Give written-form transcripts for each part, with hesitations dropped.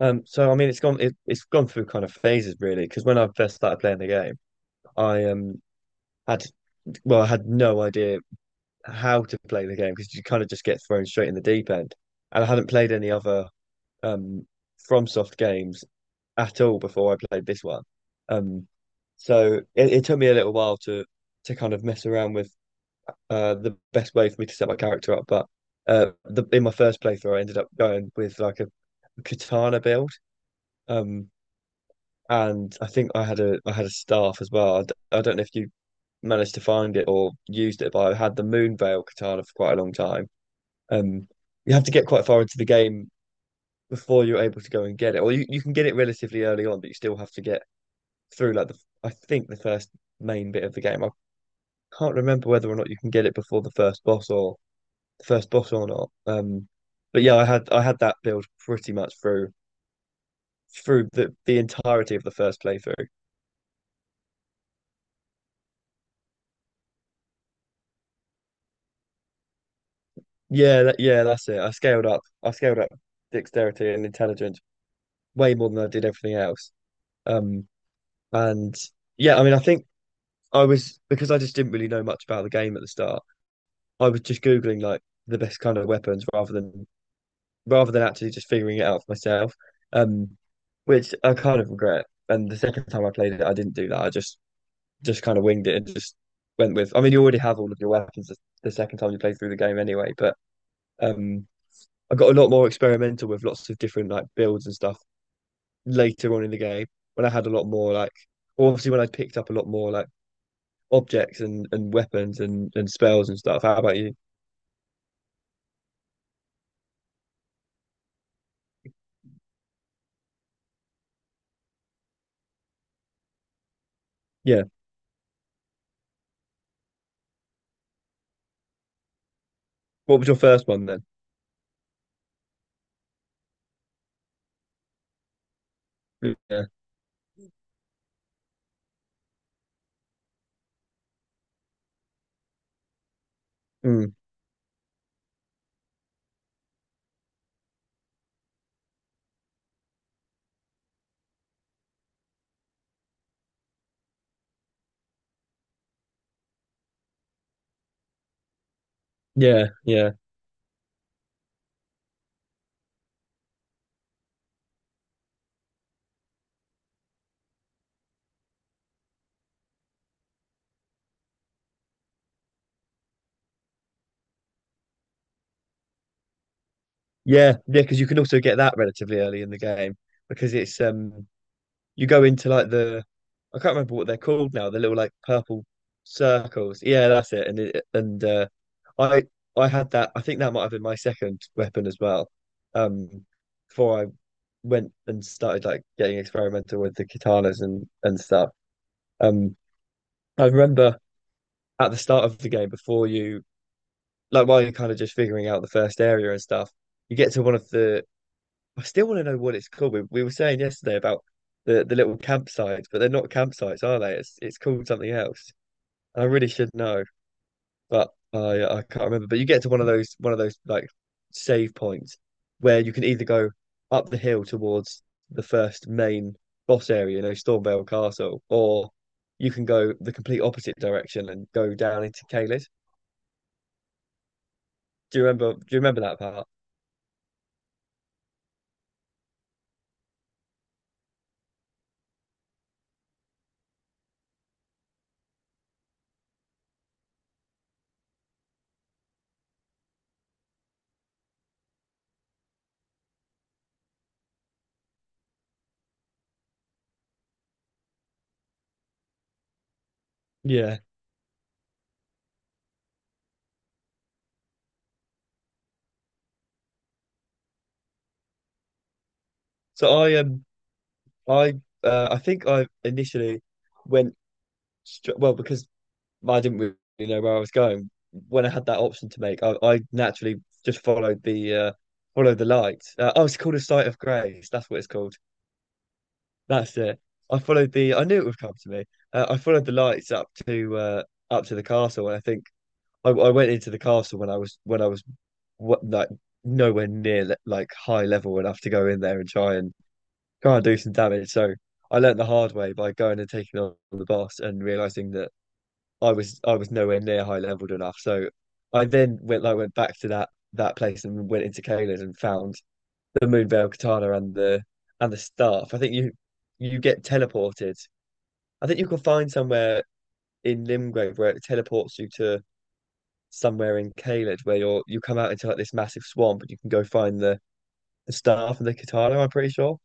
So I mean, it's gone. It's gone through kind of phases, really. Because when I first started playing the game, I had well, I had no idea how to play the game because you kind of just get thrown straight in the deep end, and I hadn't played any other um FromSoft games at all before I played this one. Um, so it took me a little while to kind of mess around with the best way for me to set my character up. But in my first playthrough, I ended up going with like a katana build. Um And I think I had a staff as well. I don't know if you managed to find it or used it, but I had the Moon Veil katana for quite a long time. Um, you have to get quite far into the game before you're able to go and get it, or you can get it relatively early on, but you still have to get through like the I think the first main bit of the game. I can't remember whether or not you can get it before the first boss or the first boss or not. But yeah, I had that build pretty much through the entirety of the first playthrough. Yeah, that's it. I scaled up. I scaled up dexterity and intelligence way more than I did everything else. Um, and yeah, I mean, I think I was because I just didn't really know much about the game at the start. I was just Googling like the best kind of weapons rather than actually just figuring it out for myself. Um, which I kind of regret. And the second time I played it, I didn't do that. I just kind of winged it and just went with. I mean, you already have all of your weapons the second time you play through the game anyway, but um. I got a lot more experimental with lots of different like builds and stuff later on in the game when I had a lot more like obviously when I picked up a lot more like objects and weapons and spells and stuff. How about you? Yeah. What was your first one then? Yeah. Mm. Yeah. Yeah. Yeah. Yeah. Because you can also get that relatively early in the game because it's you go into like the I can't remember what they're called now, the little like purple circles. Yeah, that's it. And I I had that. I think that might have been my second weapon as well. Um, before I went and started like getting experimental with the katanas and stuff. Um, I remember at the start of the game before you like while you're kind of just figuring out the first area and stuff, you get to one of the I still want to know what it's called. We were saying yesterday about the little campsites, but they're not campsites, are they? It's called something else. I really should know, but I can't remember. But you get to one of those like save points where you can either go up the hill towards the first main boss area, you know, Stormvale Castle, or you can go the complete opposite direction and go down into Caelid. Do you remember? Do you remember that part? Yeah. So I um I I think I initially went well, because I didn't really know where I was going. When I had that option to make, I naturally just followed the light. Oh, it's called a sight of grace. That's what it's called. That's it. I followed the. I knew it would come to me. I followed the lights up to up to the castle, and I think I went into the castle when I was what like nowhere near like high level enough to go in there and try and try and do some damage. So I learned the hard way by going and taking on the boss and realizing that I was nowhere near high leveled enough. So I then went I went back to that place and went into Kayla's and found the Moonveil Katana and the staff. I think you get teleported. I think you can find somewhere in Limgrave where it teleports you to somewhere in Caelid where you're you come out into like this massive swamp and you can go find the staff and the katana, I'm pretty sure.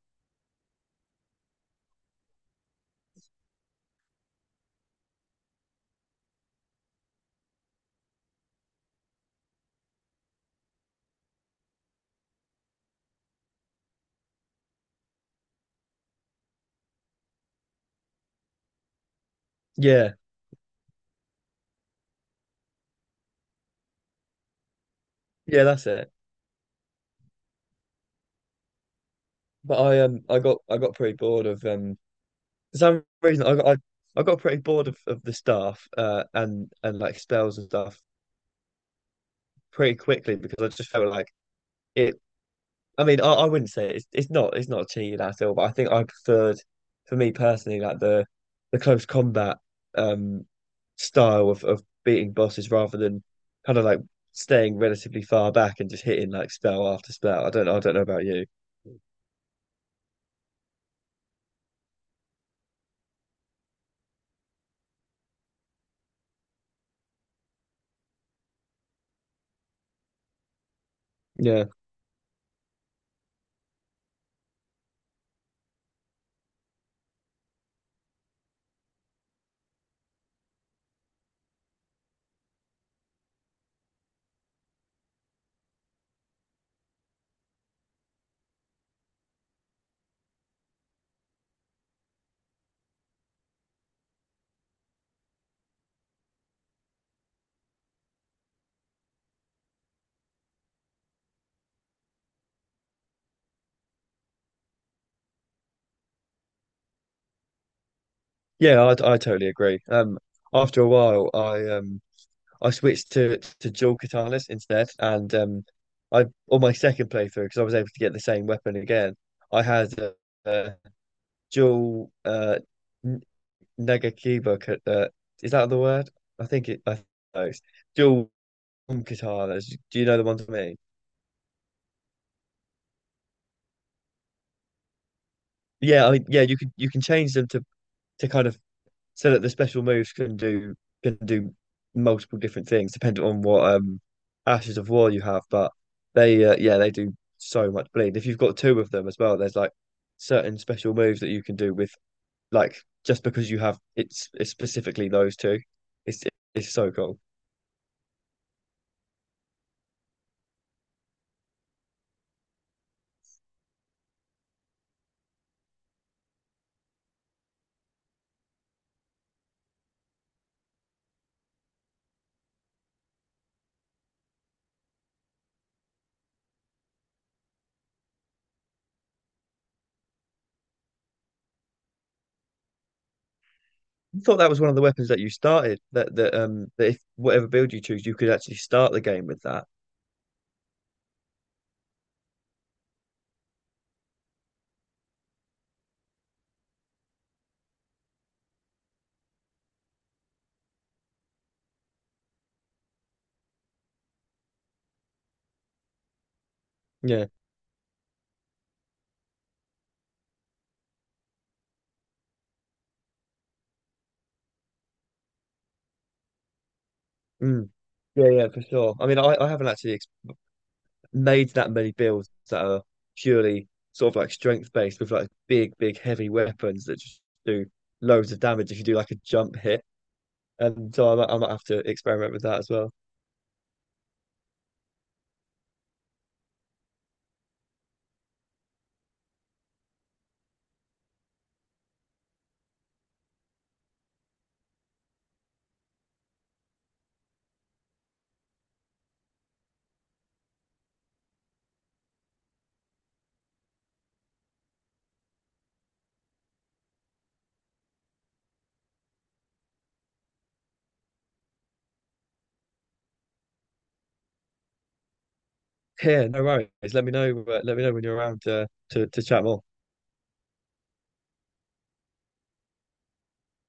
Yeah, yeah, that's it. But I got pretty bored of for some reason, I got pretty bored of the staff and like spells and stuff pretty quickly because I just felt like it. I mean, I wouldn't say it's it's not cheating at all, but I think I preferred, for me personally, like the close combat um style of beating bosses rather than kind of like staying relatively far back and just hitting like spell after spell. I don't know about you. Yeah, yeah, I totally agree. After a while, I switched to dual katanas instead, and I on my second playthrough because I was able to get the same weapon again. I had a, uh dual uh, N- Nagakiba. Is that the word? I think it's dual katanas. Do you know the ones I mean? Yeah, I, mean, yeah. You can change them to kind of so that the special moves can do multiple different things depending on what Ashes of War you have. But they yeah they do so much bleed. If you've got two of them as well, there's like certain special moves that you can do with like just because you have it's specifically those two. It's it's so cool. I thought that was one of the weapons that you started that that if whatever build you choose, you could actually start the game with that. Yeah. Mm. Yeah, yeah, for sure. I mean, I haven't actually made that many builds that are purely sort of like strength based with like big, big, heavy weapons that just do loads of damage if you do like a jump hit. And so I might have to experiment with that as well. Yeah, no worries. Let me know. Let me know when you're around to chat more.